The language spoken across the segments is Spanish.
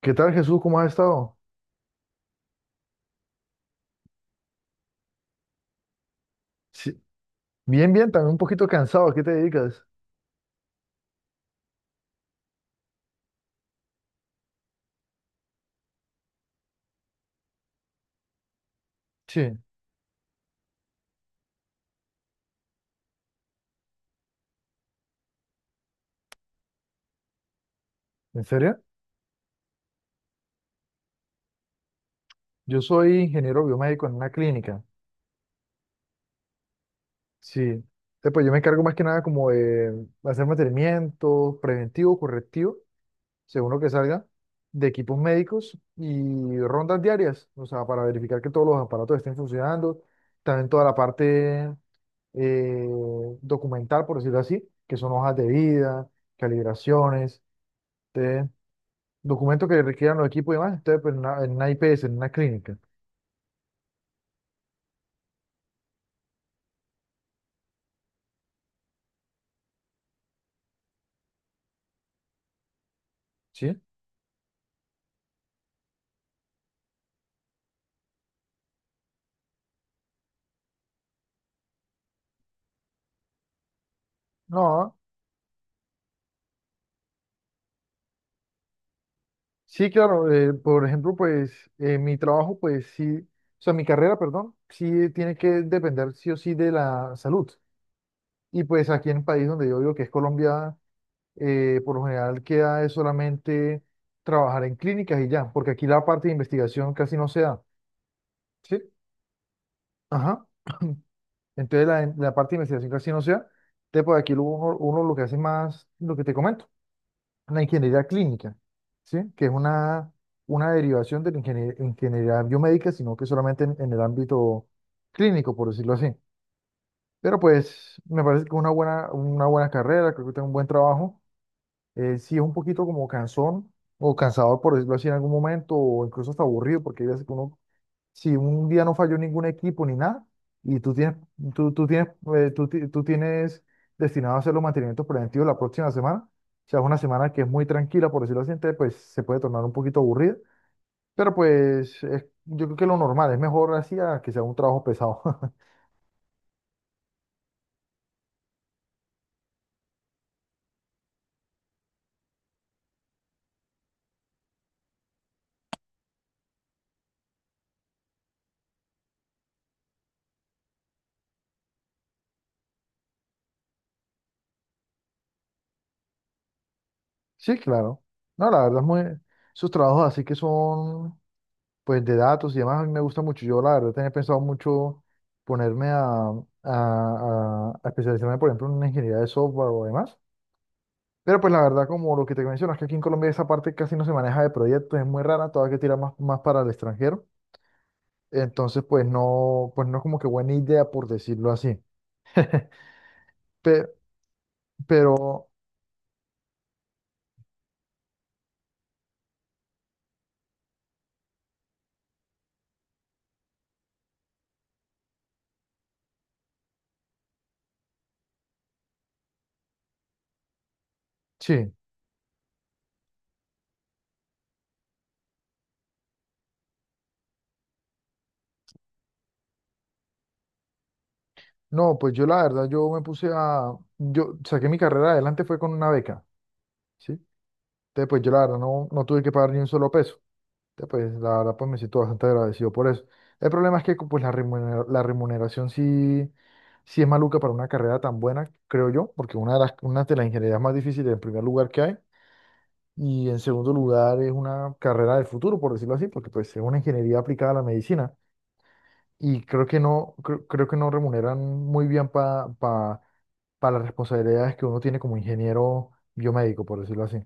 ¿Qué tal, Jesús? ¿Cómo has estado? Sí. Bien, bien, también un poquito cansado. ¿A qué te dedicas? Sí. ¿En serio? Yo soy ingeniero biomédico en una clínica. Sí. Pues yo me encargo más que nada como de hacer mantenimiento preventivo, correctivo, según lo que salga, de equipos médicos y rondas diarias, o sea, para verificar que todos los aparatos estén funcionando. También toda la parte eh, documental, por decirlo así, que son hojas de vida, calibraciones. ¿Sí? Documentos que requieran los equipos y demás. Entonces pues, en una IPS, en una clínica. ¿Sí? No, sí, claro, por ejemplo, pues mi trabajo, pues sí, o sea, mi carrera, perdón, sí tiene que depender sí o sí de la salud. Y pues aquí en el país donde yo vivo, que es Colombia, por lo general queda es solamente trabajar en clínicas y ya, porque aquí la parte de investigación casi no se da. ¿Sí? Ajá. Entonces la parte de investigación casi no se da. Entonces, pues aquí lo- uno lo que hace más, lo que te comento la ingeniería clínica. ¿Sí? Que es una derivación de la ingeniería biomédica, sino que solamente en el ámbito clínico, por decirlo así. Pero pues me parece que es una buena carrera, creo que tengo un buen trabajo. Sí es un poquito como cansón o cansador, por decirlo así, en algún momento, o incluso hasta aburrido, porque hay veces que uno si un día no falló ningún equipo ni nada, y tú tienes, tú, tú tienes, tú tienes destinado a hacer los mantenimientos preventivos la próxima semana. O sea, es una semana que es muy tranquila, por decirlo así. Entonces, pues se puede tornar un poquito aburrida, pero pues es- yo creo que lo normal, es mejor así a que sea un trabajo pesado. Sí, claro. No, la verdad es muy, sus trabajos así que son, pues, de datos y demás, a mí me gusta mucho. Yo, la verdad, tenía pensado mucho ponerme a especializarme, por ejemplo, en una ingeniería de software o demás. Pero pues la verdad, como lo que te mencionas, que aquí en Colombia esa parte casi no se maneja de proyectos, es muy rara, todavía que tira más, más para el extranjero. Entonces, pues no es como que buena idea, por decirlo así. Pe- pero sí, no, pues yo la verdad, yo me puse a, yo saqué mi carrera adelante fue con una beca. ¿Sí? Entonces, pues yo la verdad no, no tuve que pagar ni un solo peso. Ya, pues la verdad, pues me siento bastante agradecido por eso. El problema es que pues, la la remuneración sí es maluca para una carrera tan buena, creo yo, porque una de las ingenierías más difíciles en primer lugar que hay, y en segundo lugar es una carrera del futuro, por decirlo así, porque pues es una ingeniería aplicada a la medicina, y creo que no remuneran muy bien pa- las responsabilidades que uno tiene como ingeniero biomédico, por decirlo así.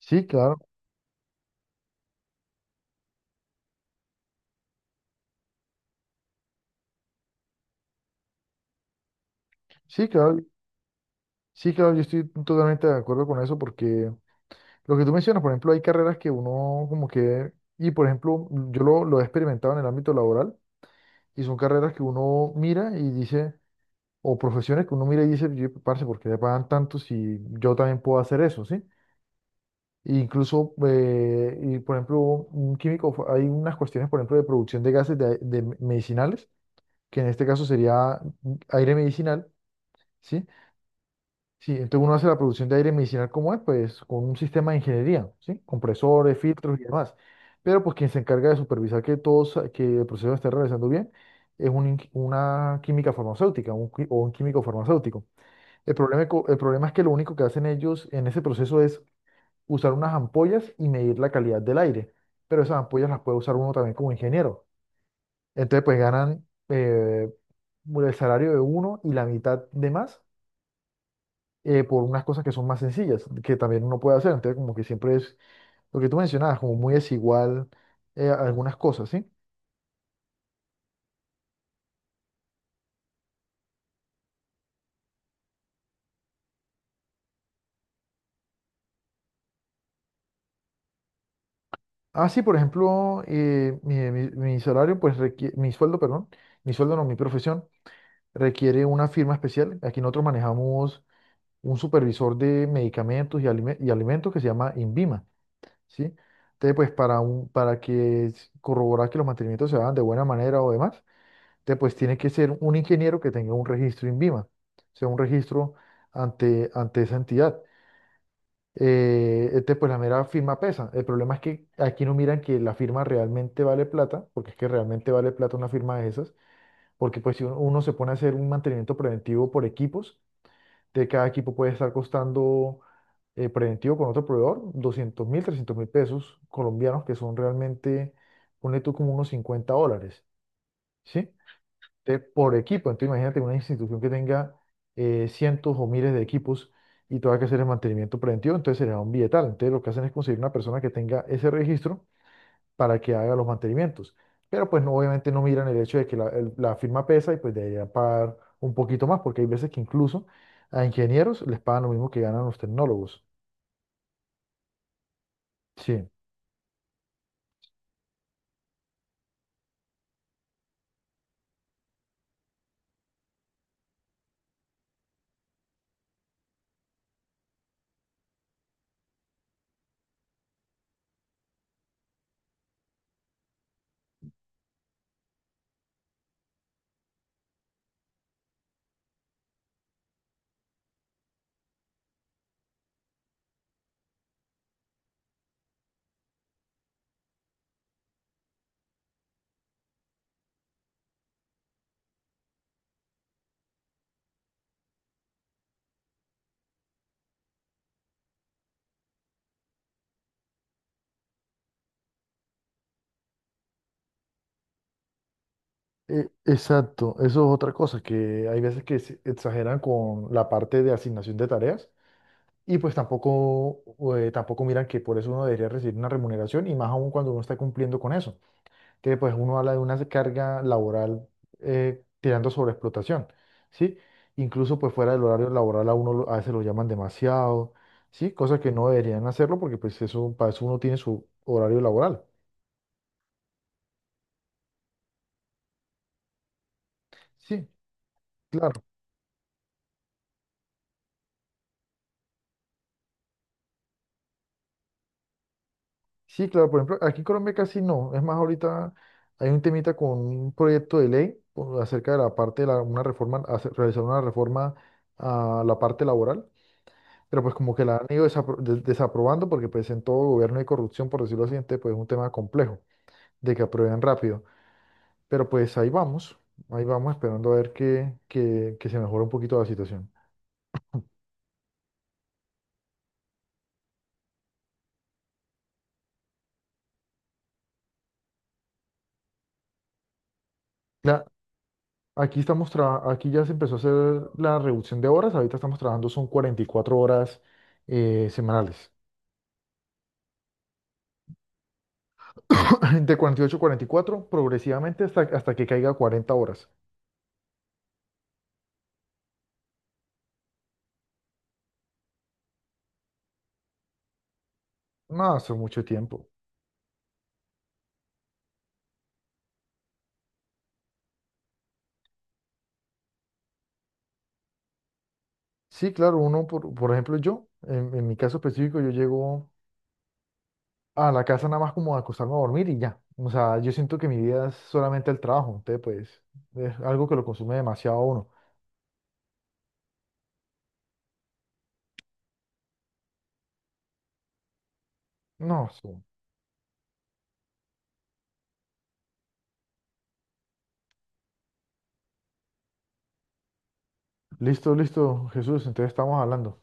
Sí, claro, sí, claro, sí, claro, yo estoy totalmente de acuerdo con eso porque... Lo que tú mencionas, por ejemplo, hay carreras que uno como que, y por ejemplo, yo lo he experimentado en el ámbito laboral, y son carreras que uno mira y dice, o profesiones que uno mira y dice: "Yo, parce, ¿por qué le pagan tanto si yo también puedo hacer eso, sí?" E incluso, y por ejemplo, un químico, fa- hay unas cuestiones, por ejemplo, de producción de gases de medicinales, que en este caso sería aire medicinal. ¿Sí? Sí, entonces uno hace la producción de aire medicinal como es, pues con un sistema de ingeniería. ¿Sí? Compresores, filtros y demás. Pero pues quien se encarga de supervisar que todo, que el proceso esté realizando bien es una química farmacéutica, o un químico farmacéutico. El problema, co- el problema es que lo único que hacen ellos en ese proceso es usar unas ampollas y medir la calidad del aire. Pero esas ampollas las puede usar uno también como ingeniero. Entonces pues ganan el salario de uno y la mitad de más por unas cosas que son más sencillas, que también uno puede hacer. Entonces, como que siempre es lo que tú mencionabas, como muy desigual algunas cosas. ¿Sí? Ah, sí, por ejemplo, mi salario, pues requiere, mi sueldo, perdón, mi sueldo no, mi profesión, requiere una firma especial. Aquí nosotros manejamos un supervisor de medicamentos y alimentos que se llama INVIMA. ¿Sí? Entonces, pues para que corroborar que los mantenimientos se hagan de buena manera o demás. Entonces, pues tiene que ser un ingeniero que tenga un registro INVIMA, o sea, un registro ante esa entidad. Este, pues la mera firma pesa. El problema es que aquí no miran que la firma realmente vale plata, porque es que realmente vale plata una firma de esas, porque pues si uno, se pone a hacer un mantenimiento preventivo por equipos, de cada equipo puede estar costando preventivo con otro proveedor, 200.000, 300.000 pesos colombianos, que son realmente, ponle tú como unos 50 dólares. ¿Sí? Entonces, por equipo, entonces imagínate una institución que tenga cientos o miles de equipos y tenga que hacer el mantenimiento preventivo, entonces será un billetal. Entonces, lo que hacen es conseguir una persona que tenga ese registro para que haga los mantenimientos. Pero pues no, obviamente no miran el hecho de que la firma pesa y pues debería pagar un poquito más, porque hay veces que incluso a ingenieros les pagan lo mismo que ganan los tecnólogos. Sí, exacto. Eso es otra cosa, que hay veces que se exageran con la parte de asignación de tareas. Y pues tampoco miran que por eso uno debería recibir una remuneración y más aún cuando uno está cumpliendo con eso, que pues uno habla de una carga laboral tirando sobre explotación. ¿Sí? Incluso pues fuera del horario laboral a uno a veces lo llaman demasiado. ¿Sí? Cosas que no deberían hacerlo porque pues eso, para eso uno tiene su horario laboral. ¿Sí? Claro. Sí, claro, por ejemplo, aquí en Colombia casi no. Es más, ahorita hay un temita con un proyecto de ley acerca de la parte de una reforma, realizar una reforma a la parte laboral, pero pues como que la han ido desaprobando porque pues en todo gobierno hay corrupción, por decirlo así, entonces pues es un tema complejo de que aprueben rápido. Pero pues ahí vamos esperando a ver que, que se mejore un poquito la situación. La- Aquí ya se empezó a hacer la reducción de horas, ahorita estamos trabajando son 44 horas semanales. De 48 a 44 progresivamente hasta que caiga a 40 horas. No, hace mucho tiempo. Sí, claro, uno, por ejemplo, yo, en mi caso específico, yo llego a la casa nada más como a acostarme a dormir y ya. O sea, yo siento que mi vida es solamente el trabajo. Entonces, pues, es algo que lo consume demasiado a uno. No, sí. Listo, listo, Jesús, entonces estamos hablando.